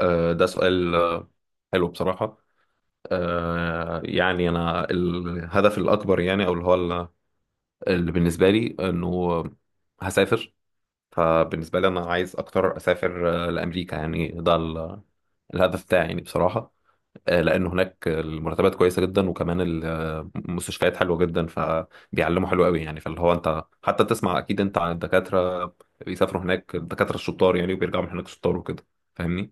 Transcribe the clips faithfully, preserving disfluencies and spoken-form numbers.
آه، ده سؤال آه، حلو بصراحة. آه، يعني أنا الهدف الأكبر يعني أو اللي هو ال- اللي بالنسبة لي إنه هسافر. فبالنسبة لي أنا عايز أكتر أسافر آه، لأمريكا، يعني ده ال- الهدف بتاعي يعني بصراحة. آه، لأن هناك المرتبات كويسة جدا، وكمان المستشفيات حلوة جدا، فبيعلموا حلو قوي يعني. فاللي هو أنت حتى تسمع أكيد أنت عن الدكاترة بيسافروا هناك، الدكاترة الشطار يعني وبيرجعوا من هناك شطار وكده. فاهمني؟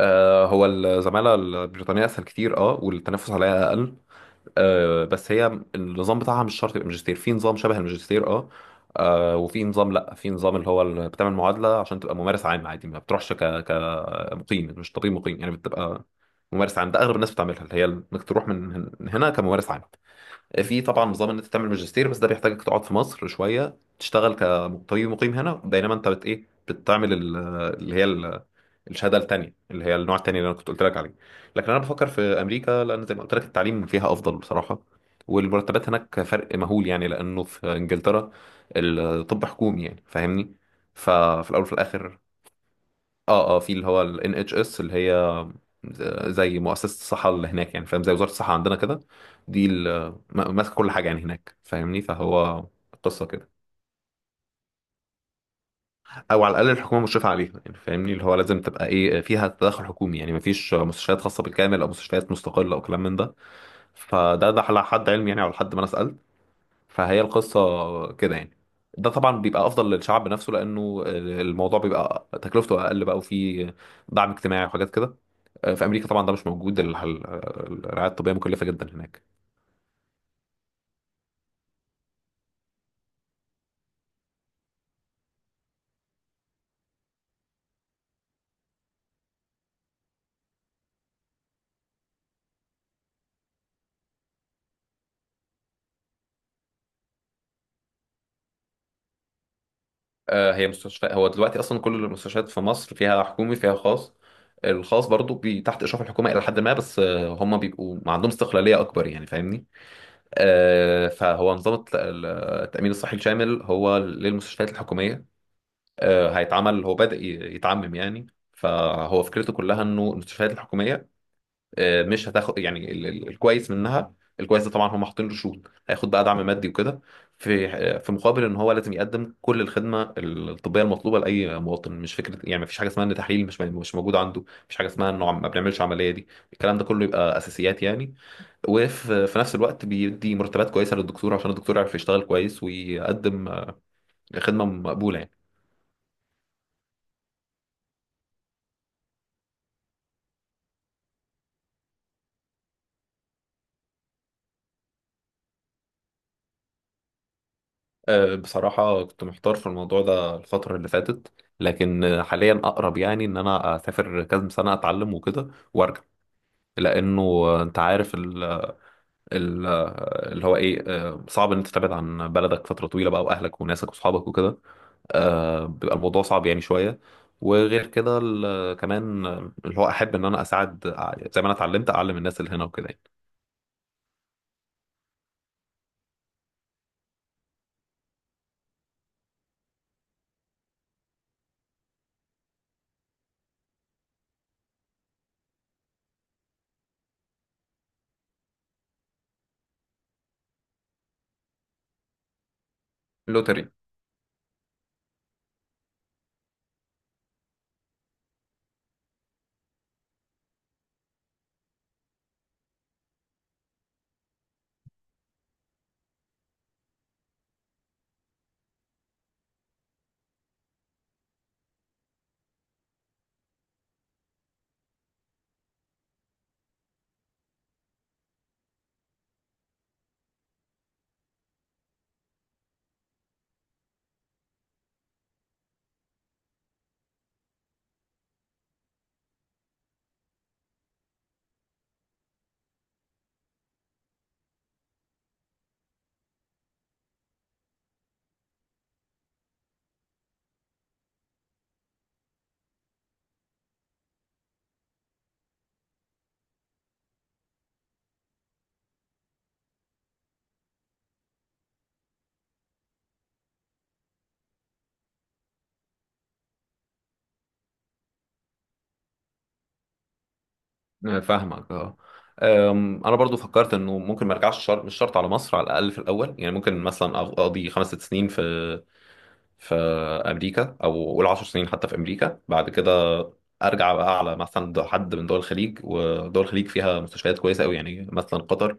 آه، هو الزمالة البريطانية أسهل كتير أه، والتنافس عليها أقل أه. بس هي النظام بتاعها مش شرط يبقى ماجستير، في نظام شبه الماجستير أه. آه، وفي نظام، لأ، في نظام اللي هو ال- بتعمل معادلة عشان تبقى ممارس عام عادي، ما بتروحش ك كمقيم، مش طبيب مقيم يعني، بتبقى ممارس عام. ده أغلب الناس بتعملها، اللي هي إنك تروح من هن- هنا كممارس عام. آه، في طبعا نظام إن أنت تعمل ماجستير، بس ده بيحتاجك تقعد في مصر شوية تشتغل كطبيب مقيم هنا، بينما أنت بت إيه، بتعمل ال- اللي هي الشهاده التانيه، اللي هي النوع التاني اللي انا كنت قلت لك عليه. لكن انا بفكر في امريكا، لان زي ما قلت لك التعليم فيها افضل بصراحه. والمرتبات هناك فرق مهول يعني، لانه في انجلترا الطب حكومي يعني، فاهمني؟ ففي الاول وفي الاخر اه اه في اللي هو ال إن إتش إس، اللي هي زي مؤسسه الصحه اللي هناك يعني، فاهم؟ زي وزاره الصحه عندنا كده. دي ال- ماسكه كل حاجه يعني هناك، فاهمني؟ فهو قصه كده، او على الاقل الحكومه مشرفه عليها يعني، فاهمني؟ اللي هو لازم تبقى ايه فيها، تدخل حكومي، يعني مفيش مستشفيات خاصه بالكامل او مستشفيات مستقله او كلام من ده. فده ده على حد علمي يعني، على حد ما انا سالت. فهي القصه كده يعني. ده طبعا بيبقى افضل للشعب نفسه، لانه الموضوع بيبقى تكلفته اقل بقى، وفيه دعم اجتماعي وحاجات كده. في امريكا طبعا ده مش موجود، ال- ال- الرعايه الطبيه مكلفه جدا هناك. آه، هي مستشفى، هو دلوقتي اصلا كل المستشفيات في مصر فيها حكومي فيها خاص. الخاص برضو بي تحت اشراف الحكومه الى حد ما، بس آه، هم بيبقوا ما عندهم استقلاليه اكبر يعني، فاهمني؟ آه، فهو نظام الت- ال- التامين الصحي الشامل هو للمستشفيات الحكوميه. آه، هيتعمل هو بادئ ي- يتعمم يعني. فهو فكرته كلها انه المستشفيات الحكوميه، آه، مش هتاخد يعني ال- ال- الكويس منها. الكويس ده طبعا هم حاطين له شروط، هياخد بقى دعم مادي وكده في آه، في مقابل ان هو لازم يقدم كل الخدمه الطبيه المطلوبه لاي مواطن. مش فكره يعني مفيش حاجه اسمها ان تحليل مش مش موجود عنده، مفيش حاجه اسمها انه عم- ما بنعملش عمليه دي. الكلام ده كله يبقى اساسيات يعني. وفي في نفس الوقت بيدي مرتبات كويسه للدكتور، عشان الدكتور يعرف يشتغل كويس ويقدم آه، خدمه مقبوله يعني. آه، بصراحة كنت محتار في الموضوع ده الفترة اللي فاتت، لكن آه، حاليا أقرب يعني إن أنا أسافر كذا سنة أتعلم وكده وأرجع. لأنه آه، أنت عارف ال ال اللي هو إيه آه، صعب إن أنت تبعد عن بلدك فترة طويلة بقى، وأهلك وناسك وأصحابك وكده. آه، بيبقى الموضوع صعب يعني شوية. وغير كده ال- كمان آه، اللي هو أحب إن أنا أساعد، آه، زي ما أنا اتعلمت أعلم الناس اللي هنا وكده يعني. لوتري. آه، فاهمك اه. أم، انا برضو فكرت انه ممكن ما ارجعش، شرط مش شرط على مصر، على الاقل في الاول يعني. ممكن مثلا أق- اقضي خمس ست سنين في في امريكا، او اقول عشر سنين حتى في امريكا. بعد كده ارجع بقى على مثلا حد من دول الخليج، ودول الخليج فيها مستشفيات كويسه قوي يعني، مثلا قطر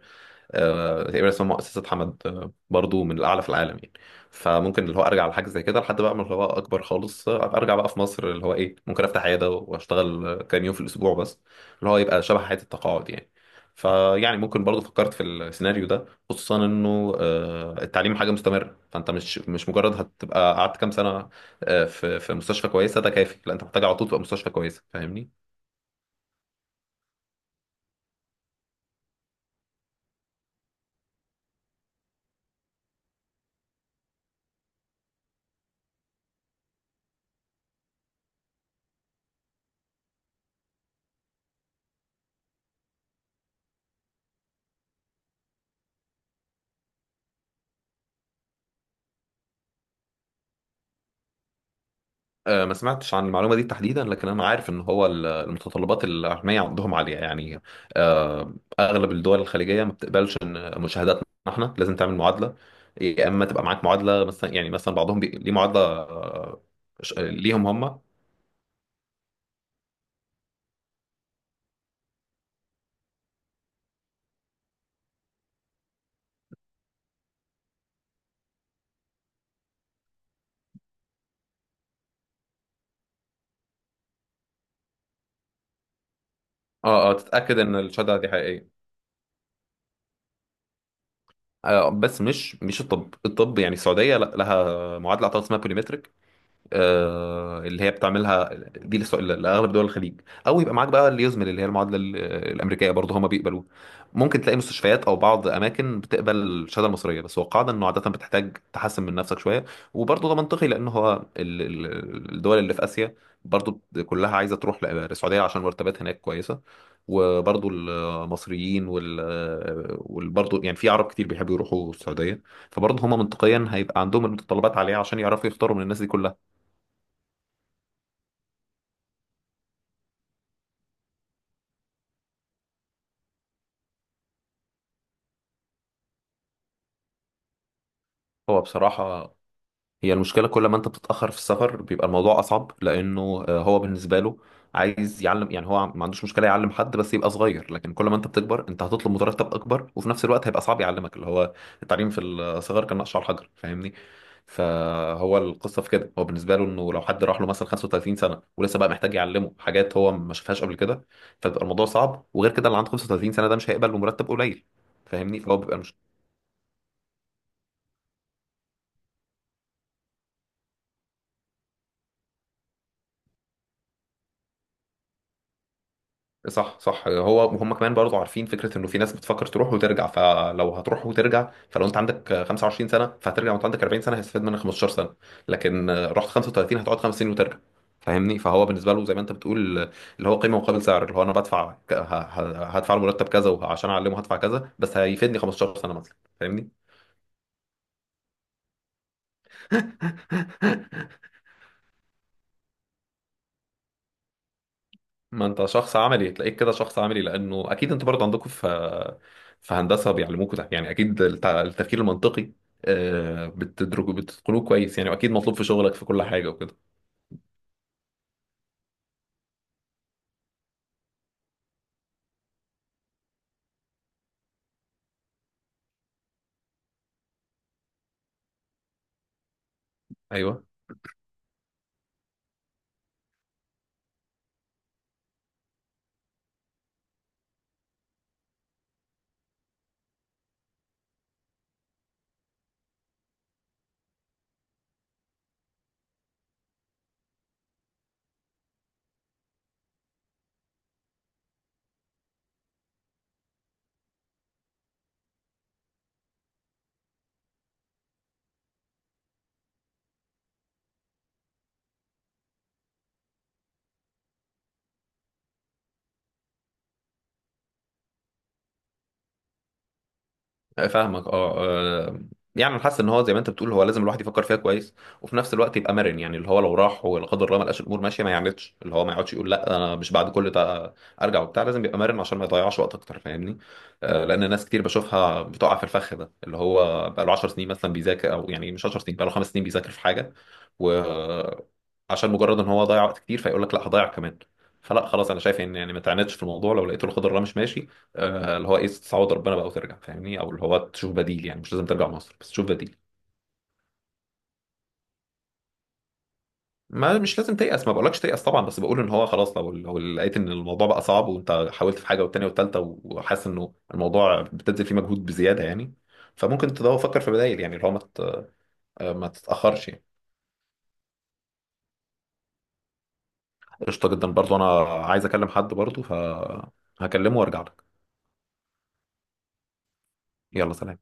آه، تقريبا اسمها مؤسسة حمد، آه، برضو من الأعلى في العالم يعني. فممكن اللي هو أرجع لحاجة زي كده، لحد بقى ما اللي هو أكبر خالص آه، أبقى أرجع بقى في مصر، اللي هو إيه، ممكن أفتح عيادة وأشتغل آه، كام يوم في الأسبوع بس، اللي هو يبقى شبه حياة التقاعد يعني. فيعني ممكن برضو فكرت في السيناريو ده، خصوصا إنه آه، التعليم حاجة مستمرة، فأنت مش مش مجرد هتبقى قعدت كام سنة آه، في في مستشفى كويسة ده كافي. لا، أنت محتاج على طول تبقى مستشفى كويسة، فاهمني؟ آه، ما سمعتش عن المعلومة دي تحديدا، لكن أنا عارف إن هو ال- المتطلبات العلمية عندهم عالية يعني. آه، أغلب الدول الخليجية ما بتقبلش، إن مشاهداتنا إحنا لازم تعمل معادلة. يا إما تبقى معاك معادلة مثلا، يعني مثلا بعضهم بي... ليه معادلة آه، ش- ليهم هم اه. اه، تتأكد إن الشهادة دي حقيقية. آه، بس مش مش الطب، الطب يعني السعودية لا، لها معادلة أعتقد اسمها بوليمتريك، آه، اللي هي بتعملها. دي لس- لاغلب دول الخليج. او يبقى معاك بقى اليوزمل، اللي هي المعادله ال- الامريكيه، برضه هما بيقبلوه. ممكن تلاقي مستشفيات او بعض اماكن بتقبل الشهاده المصريه، بس هو قاعده انه عاده بتحتاج تحسن من نفسك شويه. وبرضه ده منطقي، لان هو ال- ال- الدول اللي في اسيا برضه كلها عايزه تروح ل- للسعوديه، عشان مرتبات هناك كويسه. وبرضه المصريين وال وبرضه يعني في عرب كتير بيحبوا يروحوا السعوديه، فبرضه هما منطقيا هيبقى عندهم المتطلبات عليها عشان يعرفوا يختاروا من الناس دي كلها. هو بصراحة، هي المشكلة كل ما انت بتتأخر في السفر بيبقى الموضوع أصعب، لأنه آه، هو بالنسبة له عايز يعلم يعني، هو ما عندوش مشكلة يعلم حد بس يبقى صغير. لكن كل ما انت بتكبر انت هتطلب مرتب أكبر، وفي نفس الوقت هيبقى صعب يعلمك، اللي هو التعليم في الصغر كان نقش على الحجر، فاهمني؟ فهو القصة في كده، هو بالنسبة له انه لو حد راح له مثلا خمسة وتلاتين سنة ولسه بقى محتاج يعلمه حاجات هو ما شافهاش قبل كده، فبيبقى الموضوع صعب. وغير كده اللي عنده خمسة وتلاتين سنة ده مش هيقبل بمرتب قليل، فاهمني؟ فهو بيبقى صح صح. هو وهم كمان برضو عارفين فكره انه في ناس بتفكر تروح وترجع، فلو هتروح وترجع فلو انت عندك خمسة وعشرين سنه فهترجع وانت عندك أربعين سنه، هيستفاد منك خمسة عشر سنه، لكن رحت خمسة وتلاتين هتقعد خمس سنين وترجع. فاهمني؟ فهو بالنسبه له زي ما انت بتقول، اللي هو قيمه مقابل سعر، اللي هو انا بدفع ك- ه- ه- هدفع له مرتب كذا وعشان اعلمه هدفع كذا، بس هيفيدني خمسة عشر سنه مثلا. فاهمني؟ ما انت شخص عملي، تلاقيك كده شخص عملي، لانه اكيد انت برضه عندكم في في هندسه بيعلموكوا ده يعني، اكيد الت- التفكير المنطقي آه، بتدرجوا بتتقنوه كويس يعني، واكيد مطلوب في شغلك في كل حاجه وكده. ايوه، فاهمك اه. آه، يعني أنا حاسس ان هو زي ما انت بتقول، هو لازم الواحد يفكر فيها كويس، وفي نفس الوقت يبقى مرن يعني. اللي هو لو راح ولا قدر الله ما لقاش الامور ماشيه ما يعاندش، اللي هو ما يقعدش يقول لا انا مش بعد كل ده ارجع وبتاع، لازم يبقى مرن عشان ما يضيعش وقت اكتر، فاهمني؟ آه، لان ناس كتير بشوفها بتقع في الفخ ده، اللي هو بقى له عشر سنين مثلا بيذاكر، او يعني مش عشر سنين، بقى له خمس سنين بيذاكر في حاجه، و عشان مجرد ان هو ضيع وقت كتير فيقول لك لا هضيع كمان. فلا خلاص، انا شايف ان يعني ما تعاندش في الموضوع، لو لقيته الخضر ده مش ماشي آه، اللي هو ايه، تستعوض ربنا بقى وترجع، فاهمني؟ او اللي هو تشوف بديل يعني، مش لازم ترجع مصر بس تشوف بديل. ما مش لازم تيأس، ما بقولكش تيأس طبعا، بس بقول ان هو خلاص، لو لو لقيت ان الموضوع بقى صعب وانت حاولت في حاجه والتانيه والتالته، وحاسس انه الموضوع بتبذل فيه مجهود بزياده يعني، فممكن تدور، فكر في بدائل يعني، اللي هو ما تت- ما تتأخرش يعني. قشطه جدا، برضو انا عايز اكلم حد برضو فهكلمه وارجع لك. يلا سلام.